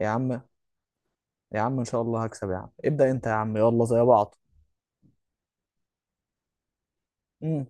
يا عم، يا عم ان شاء الله هكسب يا عم. ابدأ انت يا عم، يلا زي بعض. امم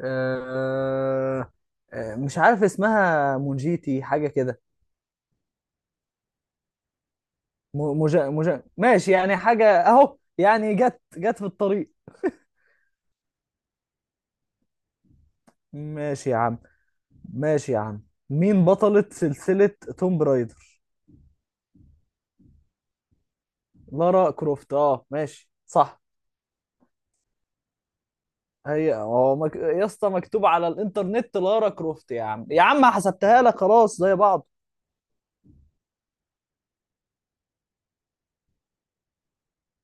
أه... آه، مش عارف اسمها مونجيتي حاجة كده. مجا ماشي، يعني حاجة اهو، يعني جت جت في الطريق. ماشي يا عم، ماشي يا عم. مين بطلة سلسلة توم رايدر؟ لارا كروفت، اه ماشي صح. يا اسطى مكتوب على الانترنت لارا كروفت، يا عم يا عم حسبتها لك خلاص زي بعض.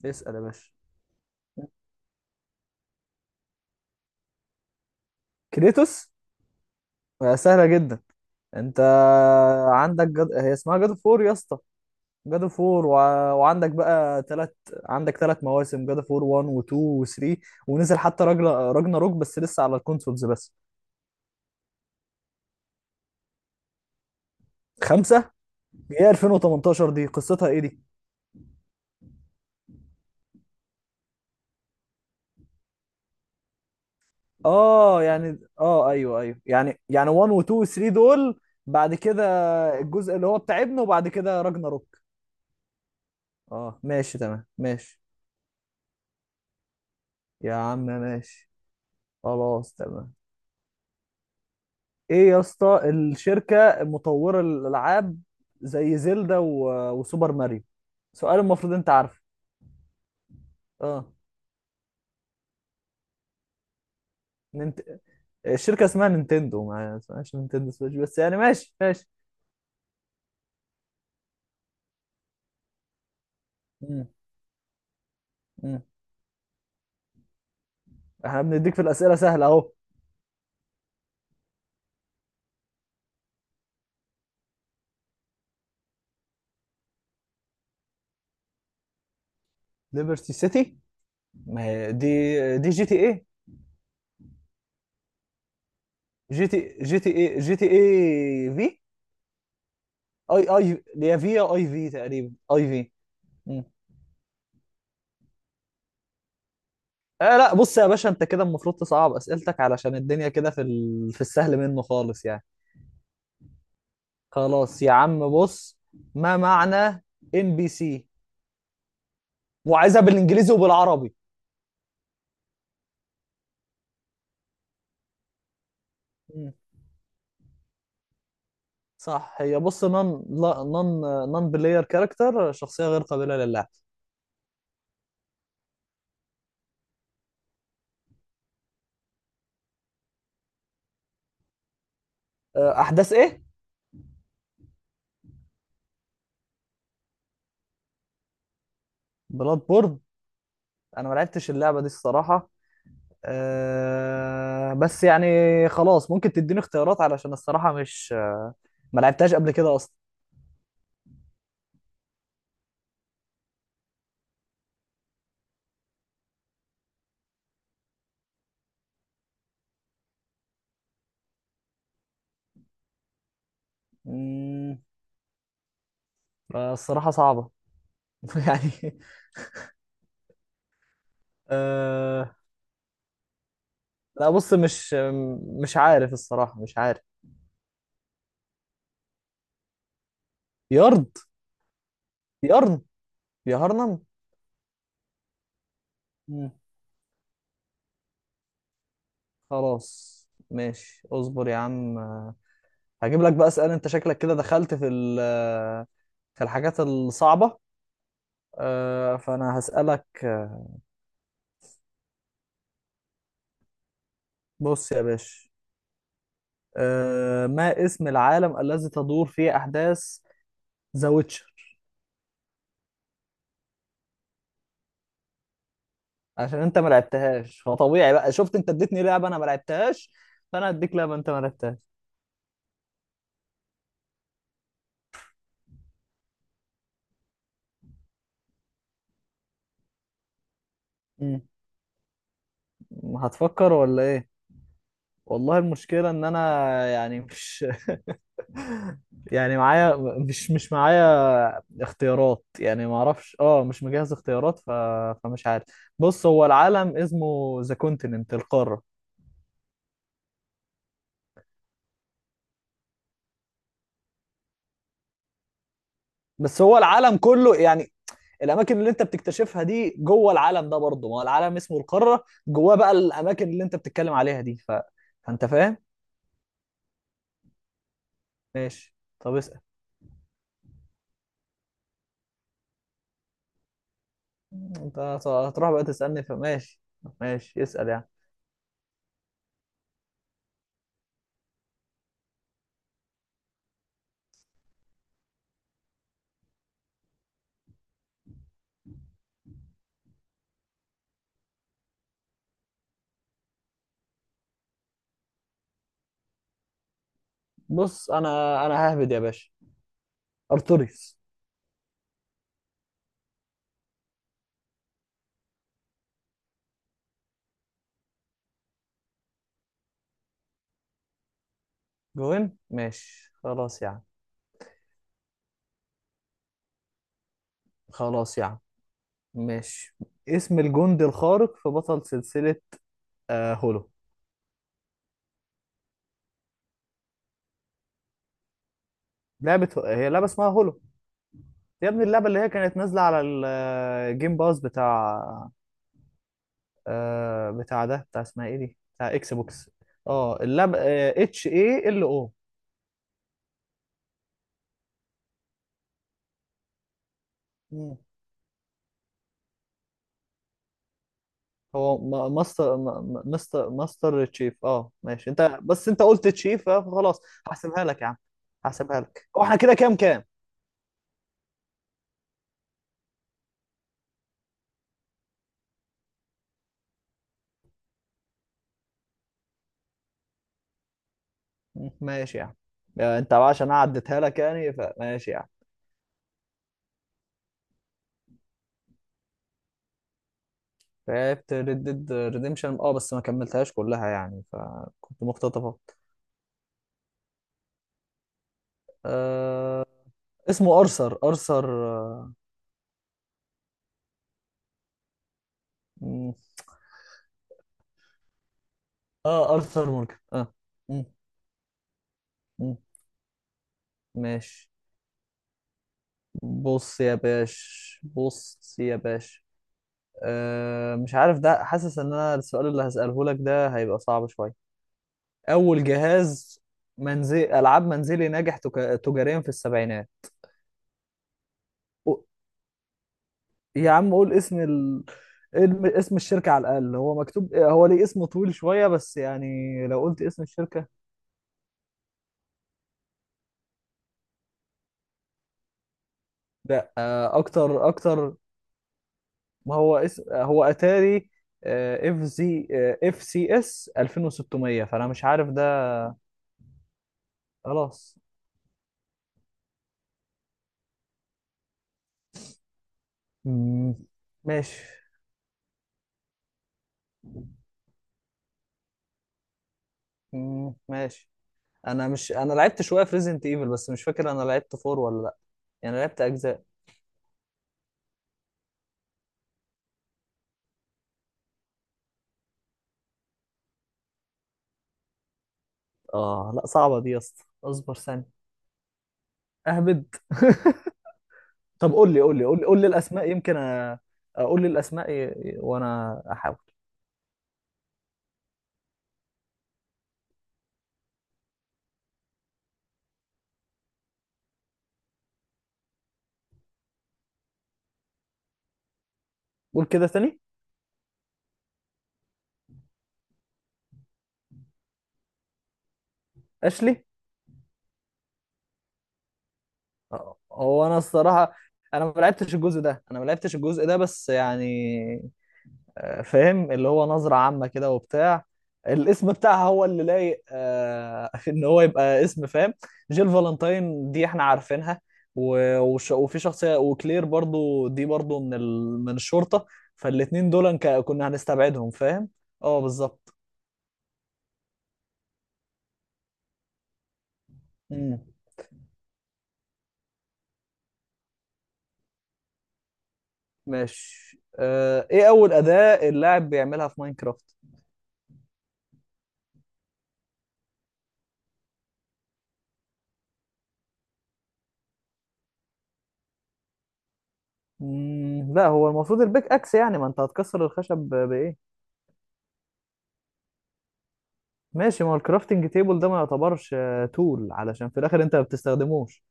اسأل يا باشا. كريتوس؟ سهلة جدا. انت هي اسمها جاد فور يا اسطى. جاد فور و... وعندك بقى تلات عندك تلات مواسم جاد فور 1 و2 و3. ونزل حتى راجل راجنا روك بس لسه على الكونسولز بس. خمسة. هي 2018 دي قصتها ايه دي؟ اه يعني ايوه ايوه، يعني 1 و2 و3 دول. بعد كده الجزء اللي هو بتاع ابنه، وبعد كده راجنا روك. اه ماشي تمام، ماشي يا عم. ماشي خلاص تمام. ايه يا اسطى الشركة مطورة الالعاب زي وسوبر ماريو؟ سؤال المفروض انت عارفه. اه ننت... الشركة اسمها نينتندو، ما اسمهاش نينتندو سويتش، بس يعني ماشي ماشي. مم. مم. احنا بنديك في الأسئلة سهلة اهو. ليبرتي سيتي. ما هي دي جي تي ايه. جي تي ايه، جي تي ايه في. اي اللي هي في أو اي في، تقريبا اي في. آه لا بص يا باشا، انت كده المفروض تصعب اسئلتك، علشان الدنيا كده في السهل منه خالص يعني. خلاص يا عم، بص. ما معنى ان بي سي؟ وعايزها بالانجليزي وبالعربي. مم. صح، هي بص نون لا نون. نون بلاير كاركتر، شخصية غير قابلة للعب. احداث ايه؟ بلاد بورد. انا ما لعبتش اللعبة دي الصراحة. بس يعني، خلاص ممكن تديني اختيارات، علشان الصراحة مش ما لعبتهاش قبل كده اصلا. مم. فالصراحة صعبة، يعني. آه لا بص، مش عارف الصراحة، مش عارف. يرض يرض يهرنم. مم. خلاص ماشي، اصبر يا عم. هجيب لك بقى اسئلة. انت شكلك كده دخلت في الحاجات الصعبة. فانا هسألك بص يا باشا. ما اسم العالم الذي تدور فيه احداث ذا ويتشر؟ عشان انت ما لعبتهاش، فطبيعي بقى، شفت انت اديتني لعبة انا ما لعبتهاش، فانا هديك لعبة انت ما لعبتهاش. هتفكر ولا ايه؟ والله المشكلة ان انا، يعني مش، يعني معايا مش مش معايا اختيارات، يعني ما اعرفش. اه مش مجهز اختيارات، فمش عارف. بص، هو العالم اسمه ذا كونتيننت، القارة. بس هو العالم كله يعني. الاماكن اللي انت بتكتشفها دي جوه العالم ده برضه، ما هو العالم اسمه القارة، جواه بقى الاماكن اللي انت بتتكلم عليها دي. فانت فاهم. ماشي، طب اسأل. انت هتروح بقى تسألني، فماشي ماشي. اسأل يا. بص انا ههبد يا باشا. ارتوريس. جوين، ماشي خلاص يا عم. خلاص يا عم، ماشي. اسم الجندي الخارق في بطل سلسلة؟ هولو. لعبة اسمها هولو. يا ابني اللعبة اللي هي كانت نازلة على الجيم باز، بتاع اسمها ايه دي، بتاع اكس بوكس. اه اللعبة اتش اي ال. او هو م- ماستر م- مستر ماستر تشيف. اه ماشي. انت بس انت قلت تشيف، فخلاص. هحسبها لك يا عم، هحسبها لك. هو احنا كده كام، كام؟ ماشي يا عم. انت بقى، عشان أنا عديتها لك يعني، فماشي يا عم. لعبت ريد ديد ريديمشن، اه بس ما كملتهاش كلها يعني، فكنت مقتطفة. آه اسمه ارثر اه. مم. ارثر مورجان، اه. مم. مم. ماشي. بص يا باش، بص يا باش. مش عارف ده، حاسس ان انا السؤال اللي هسأله لك ده هيبقى صعب شوية. اول جهاز منزل، العاب منزلي ناجح تجاريا في السبعينات. قو- يا عم قول اسم الشركة على الأقل. هو مكتوب، هو ليه اسم طويل شوية بس يعني. لو قلت اسم الشركة. لا أه، اكتر اكتر. ما هو اسم، هو اتاري. اف زي، اف سي اس 2600. فانا مش عارف ده. خلاص. مم، ماشي. مم، ماشي. انا مش، انا لعبت شويه في ريزنت ايفل، بس مش فاكر انا لعبت فور ولا لا. يعني لعبت اجزاء. اه لا صعبه دي يا اسطى، اصبر ثانيه. اهبد طب قول لي الاسماء، يمكن اقول لي الاسماء وانا احاول. قول كده تاني. اشلي. هو انا الصراحه. انا ما لعبتش الجزء ده، بس يعني فاهم اللي هو نظرة عامة كده وبتاع. الاسم بتاعها هو اللي لايق، ان هو يبقى اسم، فاهم. جيل فالنتاين دي احنا عارفينها. وفي شخصية، وكلير برضو دي من الشرطة. فالاتنين دول كنا هنستبعدهم فاهم. اه بالظبط. مم، ماشي. ايه اول أداة اللاعب بيعملها في ماينكرافت؟ مم، لا هو المفروض البيك اكس، يعني ما انت هتكسر الخشب بايه؟ ماشي، ما هو الكرافتنج تيبل ده ما يعتبرش تول، علشان في الاخر انت ما بتستخدموش.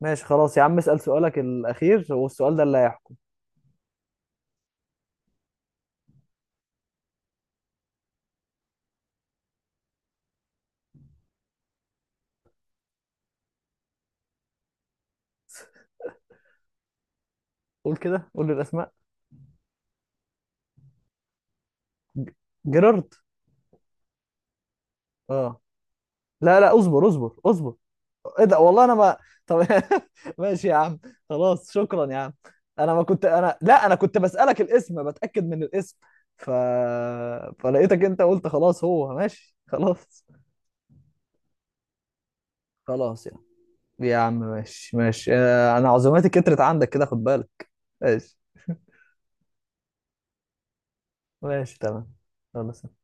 ماشي خلاص يا عم، اسأل سؤالك الاخير والسؤال ده اللي هيحكم. قول كده، قول لي الاسماء. ج- جيرارد. اه لا لا، اصبر اصبر اصبر. ايه ده، والله انا ما. طب ماشي يا عم. خلاص شكرا يا عم. انا ما كنت، انا لا، انا كنت بسألك الاسم، بتأكد من الاسم. ف... فلقيتك انت قلت خلاص، هو ماشي خلاص. خلاص يا عم، يا عم ماشي ماشي. انا عزوماتي كترت عندك كده، خد بالك. ماشي، ماشي تمام، خلاص.